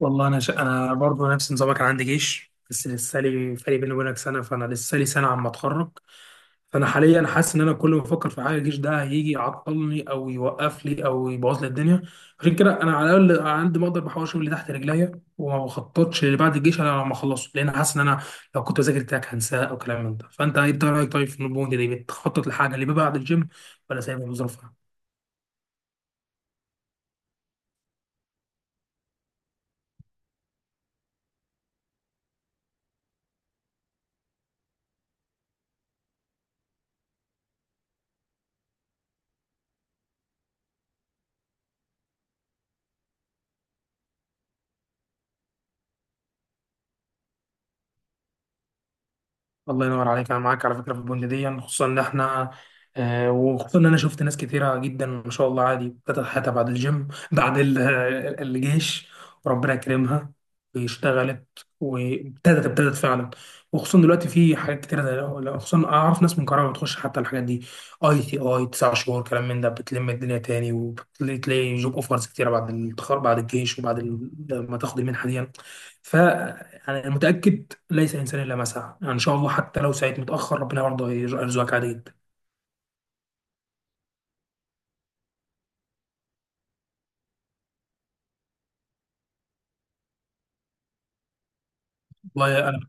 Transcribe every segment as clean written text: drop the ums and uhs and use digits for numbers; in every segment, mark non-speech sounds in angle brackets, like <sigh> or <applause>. والله انا برضه نفس نظامك. انا عندي جيش، بس لسه لي فرق بيني وبينك سنه، فانا لسه لي سنه عم اتخرج. فانا حاليا حاسس ان انا كل ما افكر في حاجه، الجيش ده هيجي يعطلني او يوقف لي او يبوظ لي الدنيا. عشان كده انا على الاقل على قد ما اقدر بحاول اشوف اللي تحت رجليا، وما بخططش اللي بعد الجيش الا لما اخلصه، لان حاسس ان انا لو كنت بذاكر تراك هنساه او كلام من ده. فانت ايه رايك طيب في النبوه دي بتخطط لحاجه اللي بعد الجيم، ولا سايبها بظروفها؟ الله ينور عليك، انا معاك على فكره في البند دي، خصوصا ان احنا وخصوصا ان انا شفت ناس كتيره جدا ما شاء الله عادي ابتدت حياتها بعد الجيم، بعد الجيش، وربنا كرمها واشتغلت، وابتدت فعلا. وخصوصا دلوقتي في حاجات كتيره، زي خصوصا اعرف ناس من كهرباء بتخش حتى الحاجات دي، اي تي اي تسع شهور كلام من ده، بتلم الدنيا تاني، وبتلاقي جوب اوفرز كتيره بعد التخرج بعد الجيش، وبعد لما تاخد المنحه دي. فانا متاكد، ليس انسان الا ما سعى، يعني ان شاء الله حتى لو سعيت متاخر ربنا برضه هيرزقك عادي جدا.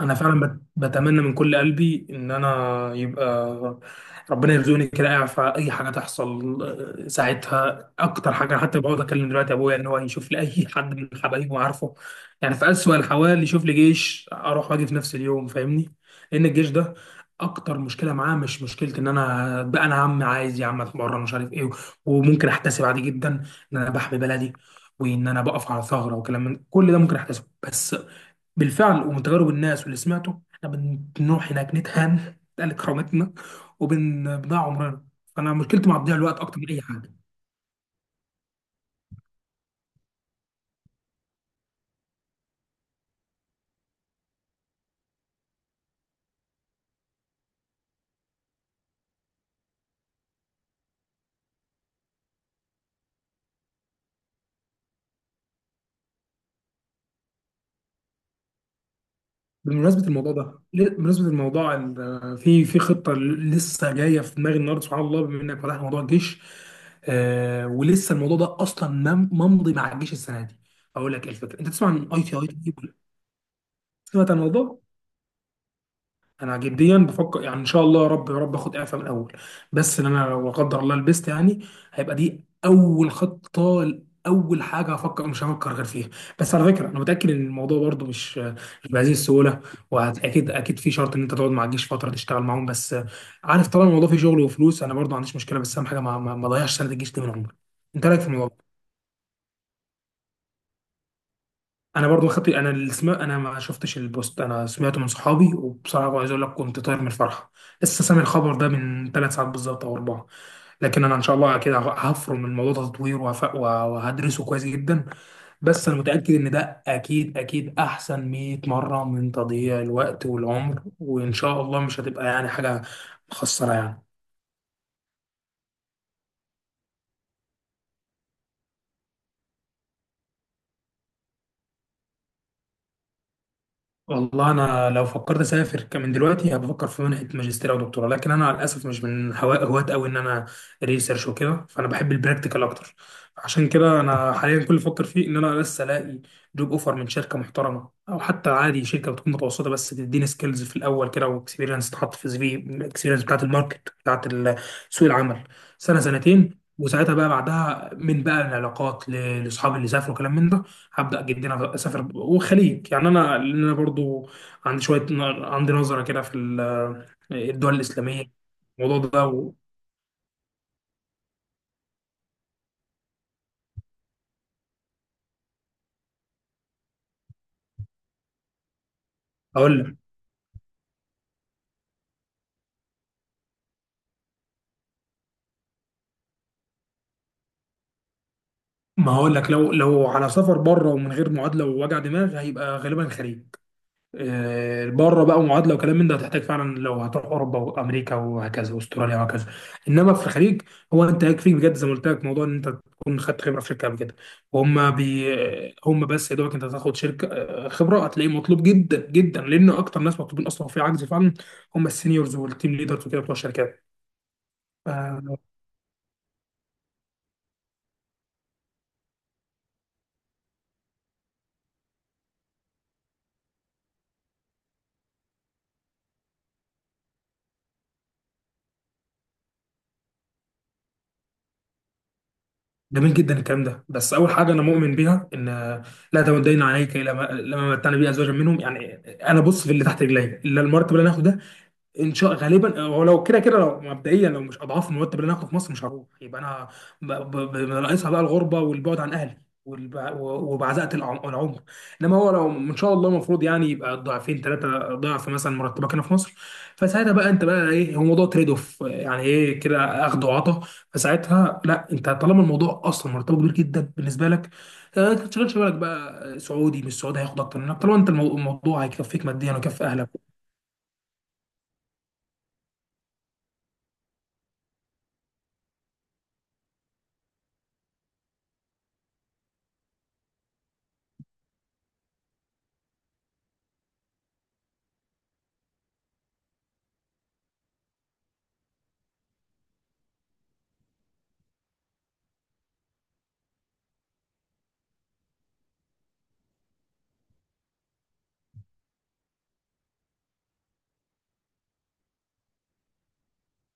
انا فعلا بتمنى من كل قلبي ان انا يبقى ربنا يرزقني كده اعرف اي حاجه تحصل. ساعتها اكتر حاجه أنا حتى بقعد اكلم دلوقتي ابويا ان هو يشوف لي اي <laughs> حد من حبايبه، عارفه، يعني في اسوأ الحوال يشوف لي جيش اروح واجي في نفس اليوم، فاهمني؟ لان الجيش ده اكتر مشكله معاه، مش مشكله ان انا بقى انا عم عايز يا عم اتمرن مش عارف ايه، وممكن احتسب عادي جدا ان انا بحمي بلدي، وان انا بقف على ثغره وكلام من كل ده ممكن احتسبه، بس بالفعل ومن تجارب الناس واللي سمعته احنا بنروح هناك نتهان <laughs> نتقل كرامتنا وبنضيع عمرنا. فانا مشكلتي مع تضييع الوقت اكتر من اي حاجه. بمناسبه الموضوع ده ل- بمناسبه الموضوع ال- آه، في خطه لسه جايه في دماغي النهارده، سبحان الله بما انك فتحت موضوع الجيش، ولسه الموضوع ده اصلا ممضي مع الجيش السنه دي. اقول لك ايه الفكره، انت تسمع عن اي تي اي؟ سمعت عن الموضوع. انا جديا بفكر، يعني ان شاء الله يا رب يا رب اخد اعفاء من الاول، بس ان انا لو لا قدر الله لبست يعني، هيبقى دي اول خطه، اول حاجه هفكر مش هفكر غير فيها. بس على فكره انا متاكد ان الموضوع برضو مش بهذه السهوله، واكيد اكيد في شرط ان انت تقعد مع الجيش فتره تشتغل معاهم. بس عارف، طالما الموضوع فيه شغل وفلوس انا برضو ما عنديش مشكله، بس اهم حاجه ما اضيعش سنه الجيش دي من عمري. انت رايك في الموضوع؟ انا برضو خطي، انا انا ما شفتش البوست، انا سمعته من صحابي، وبصراحه عايز اقول لك كنت طاير من الفرحه. لسه سامع الخبر ده من ثلاث ساعات بالظبط او اربعه، لكن انا ان شاء الله كده هفرم الموضوع ده تطوير، وهدرسه كويس جدا. بس انا متاكد ان ده اكيد اكيد احسن 100 مره من تضييع الوقت والعمر، وان شاء الله مش هتبقى يعني حاجه مخسره يعني. والله انا لو فكرت اسافر كمان دلوقتي هبفكر في منحه ماجستير او دكتوراه، لكن انا للاسف مش من هواة قوي ان انا ريسيرش وكده، فانا بحب البراكتيكال اكتر. عشان كده انا حاليا كل اللي بفكر فيه ان انا لسه الاقي جوب اوفر من شركه محترمه، او حتى عادي شركه بتكون متوسطه بس تديني سكيلز في الاول كده، واكسبيرينس تحط في سي في، الاكسبيرينس بتاعت الماركت بتاعت سوق العمل، سنه سنتين، وساعتها بقى بعدها من بقى العلاقات لاصحابي اللي سافروا كلام من ده، هبدأ جدا اسافر. والخليج يعني انا، لان انا برضو عندي نظره كده في الدول الاسلاميه، الموضوع ده. واقول لك ما هقول لك، لو على سفر بره ومن غير معادله ووجع دماغ، هيبقى غالبا الخليج. بره بقى معادله وكلام من ده هتحتاج فعلا لو هتروح اوروبا وامريكا وهكذا، واستراليا وهكذا. انما في الخليج هو انت يكفيك بجد، زي ما قلت لك، موضوع ان انت تكون خدت خبره في شركه قبل كده، وهم بي هم بس يا دوبك انت تاخد شركه خبره، هتلاقيه مطلوب جدا جدا، لان اكتر ناس مطلوبين اصلا في عجز فعلا هم السينيورز والتيم ليدرز وكده بتوع الشركات. آه، جميل جدا الكلام ده، بس اول حاجه انا مؤمن بيها ان لا تمدين عليك لما متعنا بيه ازواجا منهم يعني. انا بص في اللي تحت رجلي الا المرتب اللي انا هاخده، ان شاء غالبا هو لو كده كده لو مبدئيا، لو مش اضعاف المرتب اللي انا هاخده في مصر مش هروح، يبقى انا ناقصها بقى الغربه والبعد عن اهلي، وبعزقه العمر. انما هو لو ان شاء الله المفروض يعني يبقى ضعفين ثلاثه ضعف مثلا مرتبك هنا في مصر، فساعتها بقى انت بقى ايه، هو موضوع تريد اوف يعني، ايه كده اخد وعطا. فساعتها لا، انت طالما الموضوع اصلا مرتبه كبير جدا بالنسبه لك، ما تشغلش بالك بقى سعودي مش سعودي هياخد اكتر منك، طالما انت الموضوع هيكفيك ماديا ويكفي اهلك.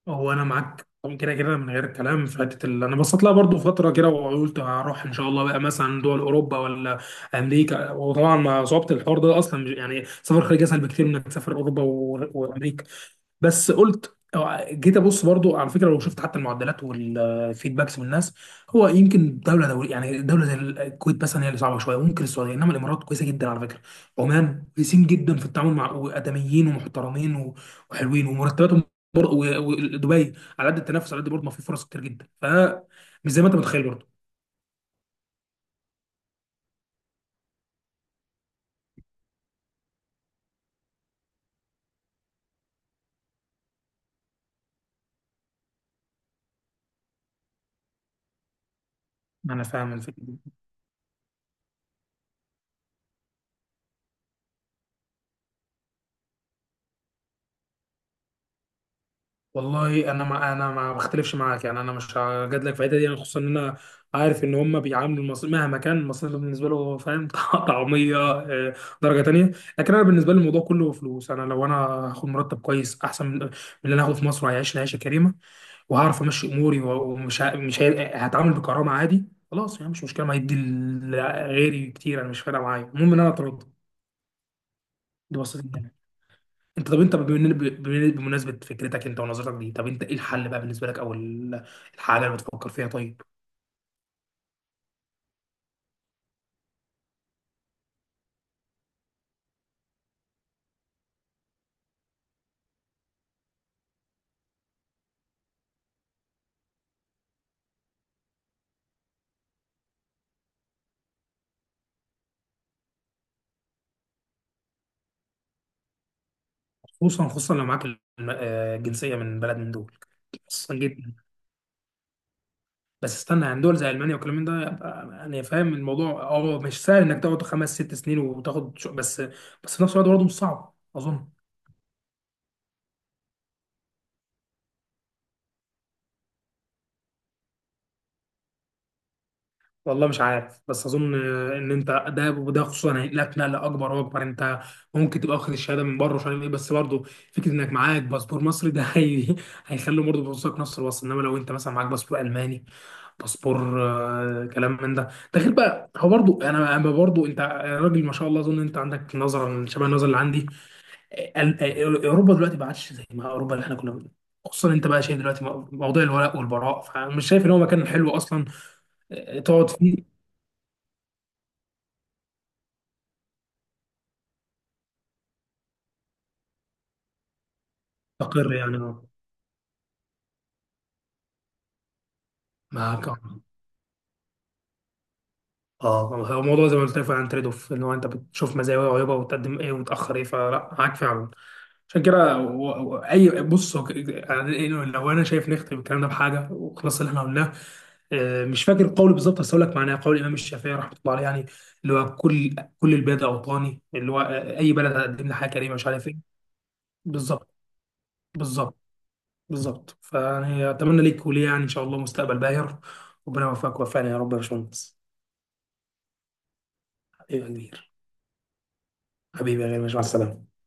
هو انا معاك طبعا كده كده من غير الكلام، فاتت اللي انا بصيت لها برضو فتره كده، وقلت هروح ان شاء الله بقى مثلا دول اوروبا ولا امريكا، وطبعا مع صعوبه الحوار ده اصلا يعني سفر خارج اسهل بكتير من انك تسافر اوروبا وامريكا. بس قلت جيت ابص برضو على فكره، لو شفت حتى المعدلات والفيدباكس من الناس، هو يمكن دوله دولية يعني دوله زي الكويت مثلا هي اللي صعبه شويه، وممكن السعوديه، انما الامارات كويسه جدا على فكره، عمان كويسين جدا في التعامل، مع ادميين ومحترمين وحلوين ومرتباتهم، ودبي، على قد التنافس على قد برضه ما في فرص كتير جدا، مش زي ما انت متخيل برضه. انا فاهم الفكره دي، والله انا ما بختلفش معاك يعني، انا مش هجادلك في الحته دي، يعني خصوصا ان انا عارف ان هم بيعاملوا المصري مهما كان المصري بالنسبه له، فاهم، <laughs> طعميه درجه تانيه. لكن انا بالنسبه لي الموضوع كله فلوس، انا لو انا هاخد مرتب كويس احسن من اللي انا هاخده في مصر وهيعيشني عيشه كريمه، وهعرف امشي اموري، ومش ه- مش هي... هتعامل بكرامه عادي، خلاص يعني مش مشكله، ما هيدي غيري كتير، انا مش فارقه معايا، المهم ان انا اترد، دي بسيطه يعني. انت طب انت بمناسبه فكرتك انت ونظرتك دي، طب انت ايه الحل بقى بالنسبه لك، او الحاجه اللي بتفكر فيها طيب؟ خصوصا خصوصا لو معاك الجنسيه من بلد من دول. خصوصا جدا، بس استنى يعني دول زي المانيا والكلام من ده، يبقى انا فاهم الموضوع مش سهل انك تقعد خمس ست سنين وتاخد بس في نفس الوقت برضه مش صعب اظن. والله مش عارف، بس اظن ان انت ده وده، خصوصا هينقلك نقله اكبر واكبر، انت ممكن تبقى واخد الشهاده من بره مش عارف ايه، بس برضه فكره انك معاك باسبور مصري ده <laughs> هيخلي برضه بصك نفس الوصف، انما لو انت مثلا معاك باسبور الماني، باسبور كلام من ده، ده غير بقى. هو برضو، انا برضو انت، أنا راجل ما شاء الله اظن انت عندك نظره شبه النظره اللي عندي، اوروبا دلوقتي ما عادش زي ما اوروبا اللي احنا كنا خصوصا انت بقى شايف دلوقتي موضوع الولاء والبراء، فمش شايف ان هو مكان حلو اصلا تقعد فيه. مستقر يعني، اه. معاك، اه. اه. هو الموضوع زي ما قلت لك فعلا تريد اوف، ان هو انت بتشوف مزايا وعيوبها وتقدم ايه وتاخر ايه، فلا معاك فعلا. عشان كده هو- هو اي بص هو ك- يعني لو انا شايف نختم الكلام ده بحاجه وخلاص اللي احنا قلناه، مش فاكر القول بالظبط بس اقول لك معناه، قول الامام الشافعي رحمه الله عليه، يعني اللي هو كل البلاد اوطاني، اللي هو اي بلد هتقدم لي حاجه كريمه مش عارف ايه. بالظبط. بالظبط. بالظبط، فيعني اتمنى ليك وليه يعني ان شاء الله مستقبل باهر، ربنا يوفقك ويوفقنا يا رب، يا باشمهندس. ايوه يا كبير. حبيبي يا غالي، ماشي، مع السلامه.